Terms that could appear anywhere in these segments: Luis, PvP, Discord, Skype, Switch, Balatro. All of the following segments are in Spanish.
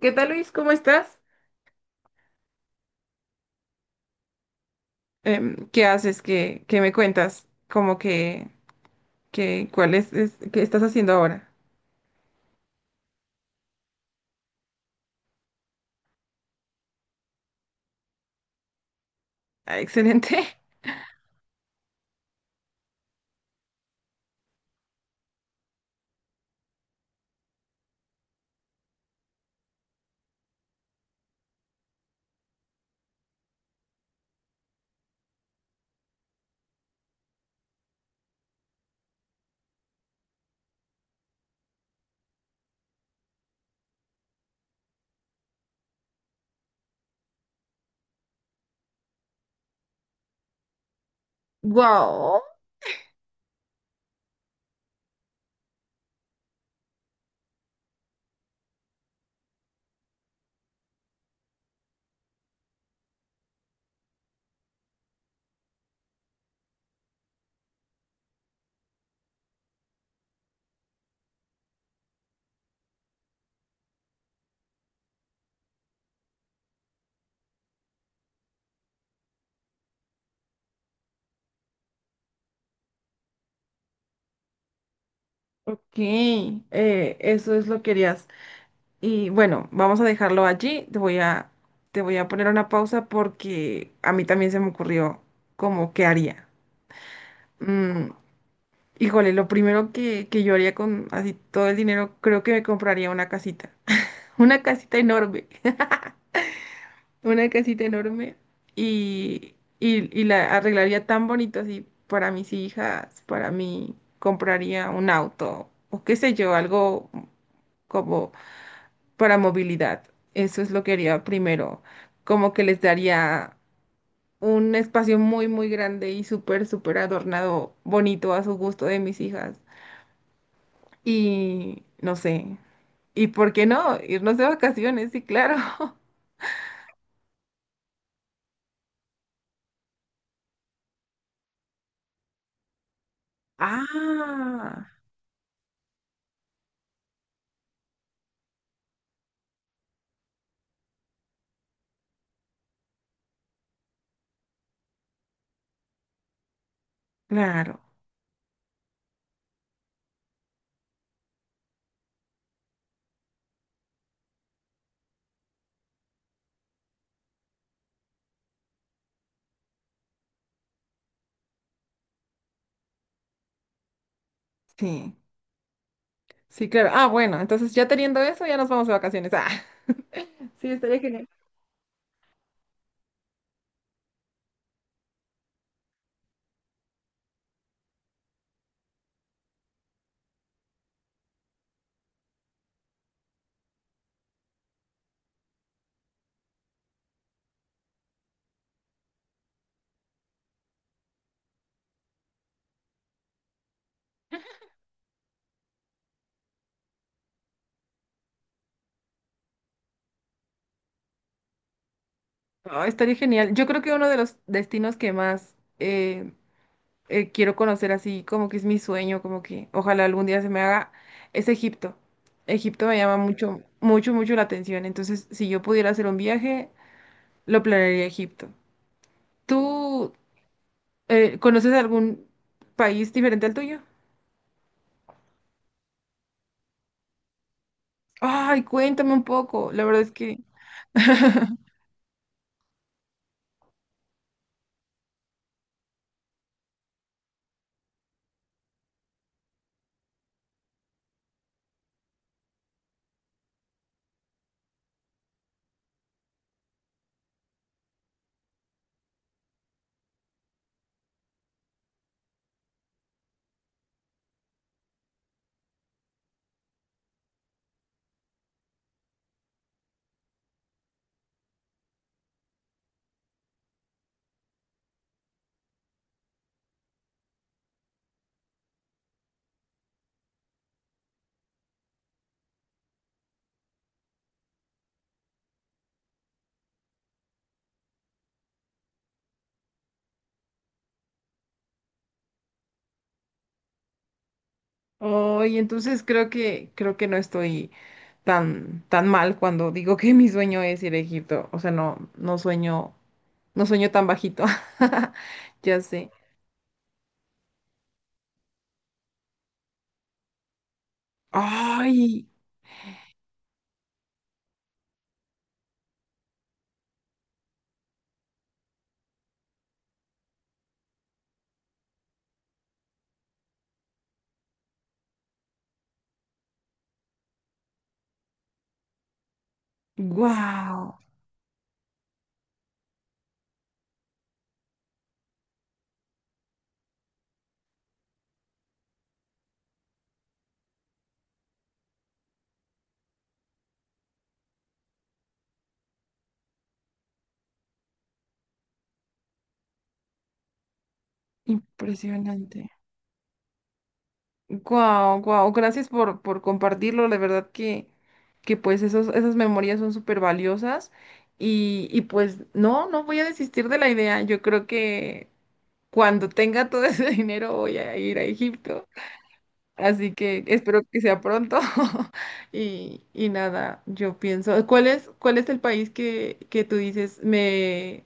¿Qué tal, Luis? ¿Cómo estás? ¿Qué haces? ¿Qué me cuentas? ¿Cómo que cuál qué estás haciendo ahora? Ah, excelente. Wow. Ok, eso es lo que querías. Y bueno, vamos a dejarlo allí. Te voy a poner una pausa porque a mí también se me ocurrió como qué haría. Mm, híjole, lo primero que yo haría con así todo el dinero, creo que me compraría una casita. Una casita enorme. Una casita enorme y, y la arreglaría tan bonito así para mis hijas, para mí compraría un auto o qué sé yo, algo como para movilidad. Eso es lo que haría primero, como que les daría un espacio muy, muy grande y súper, súper adornado, bonito a su gusto de mis hijas. Y no sé, ¿y por qué no? Irnos de vacaciones, sí, claro, ah, claro, sí. Sí, claro. Ah, bueno, entonces ya teniendo eso, ya nos vamos de vacaciones. Ah, sí, estaría genial. Ah, estaría genial. Yo creo que uno de los destinos que más quiero conocer así, como que es mi sueño, como que ojalá algún día se me haga, es Egipto. Egipto me llama mucho, mucho, mucho la atención. Entonces, si yo pudiera hacer un viaje, lo planearía a Egipto. ¿Tú conoces algún país diferente al tuyo? Ay, cuéntame un poco. La verdad es que… Hoy, entonces creo que no estoy tan mal cuando digo que mi sueño es ir a Egipto. O sea, no sueño, no sueño tan bajito. Ya sé. Ay, wow, impresionante. Wow, wow. Gracias por compartirlo. La verdad que pues esos, esas memorias son súper valiosas y pues no voy a desistir de la idea. Yo creo que cuando tenga todo ese dinero voy a ir a Egipto. Así que espero que sea pronto. Y, y nada, yo pienso, ¿cuál es el país que tú dices me,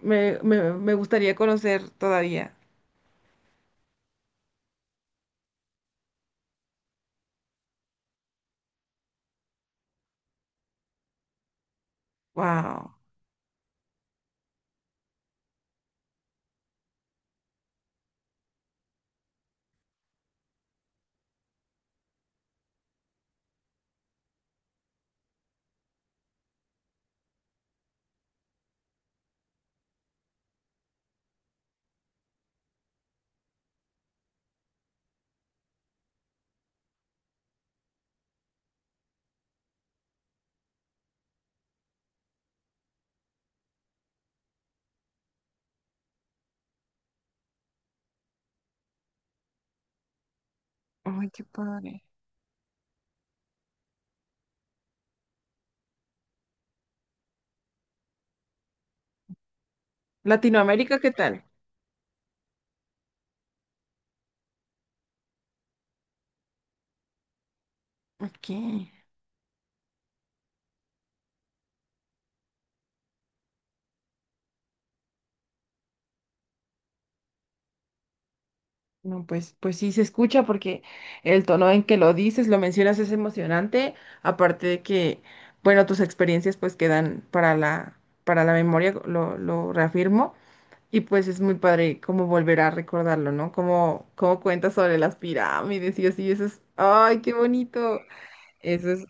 me, me, me gustaría conocer todavía? Wow. Ay, qué padre. Latinoamérica, ¿qué tal? Ok. No, pues, pues sí se escucha porque el tono en que lo dices, lo mencionas es emocionante, aparte de que, bueno, tus experiencias pues quedan para para la memoria, lo reafirmo. Y pues es muy padre como volver a recordarlo, ¿no? Como, como cuenta sobre las pirámides y así, eso es, ¡ay, qué bonito! Eso es,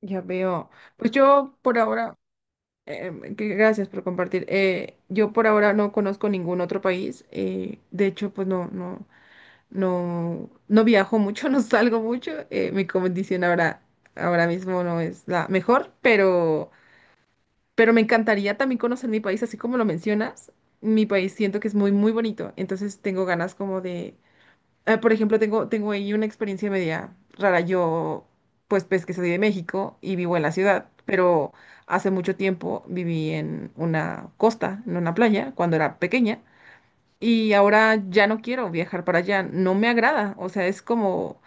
ya veo. Pues yo por ahora, gracias por compartir, yo por ahora no conozco ningún otro país, de hecho, pues no viajo mucho, no salgo mucho, mi condición ahora mismo no es la mejor, pero… Pero me encantaría también conocer mi país, así como lo mencionas. Mi país siento que es muy, muy bonito. Entonces tengo ganas como de… Ah, por ejemplo, tengo ahí una experiencia media rara. Yo, pues, pues que soy de México y vivo en la ciudad, pero hace mucho tiempo viví en una costa, en una playa, cuando era pequeña. Y ahora ya no quiero viajar para allá. No me agrada. O sea, es como…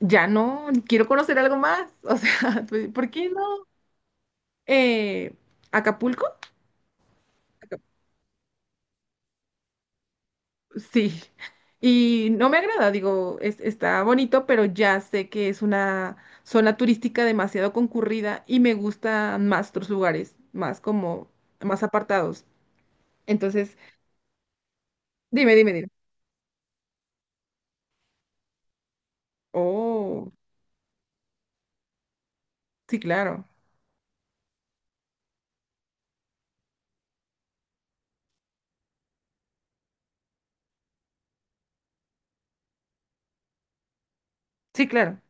Ya no, quiero conocer algo más. O sea, pues, ¿por qué no? Eh, Acapulco. Sí, y no me agrada, digo, es, está bonito, pero ya sé que es una zona turística demasiado concurrida y me gustan más otros lugares, más como, más apartados. Entonces, dime. Oh, sí, claro, sí, claro.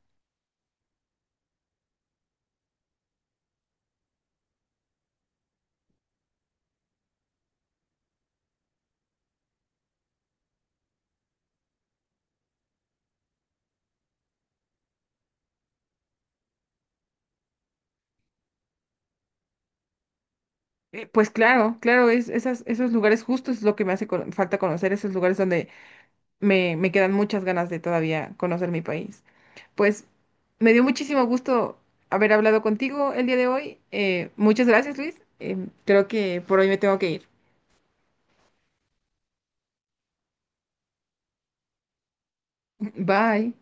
Pues claro, claro, es, esas, esos lugares justos es lo que me hace falta conocer, esos lugares donde me quedan muchas ganas de todavía conocer mi país. Pues me dio muchísimo gusto haber hablado contigo el día de hoy. Muchas gracias, Luis. Em, creo que por hoy me tengo que ir. Bye.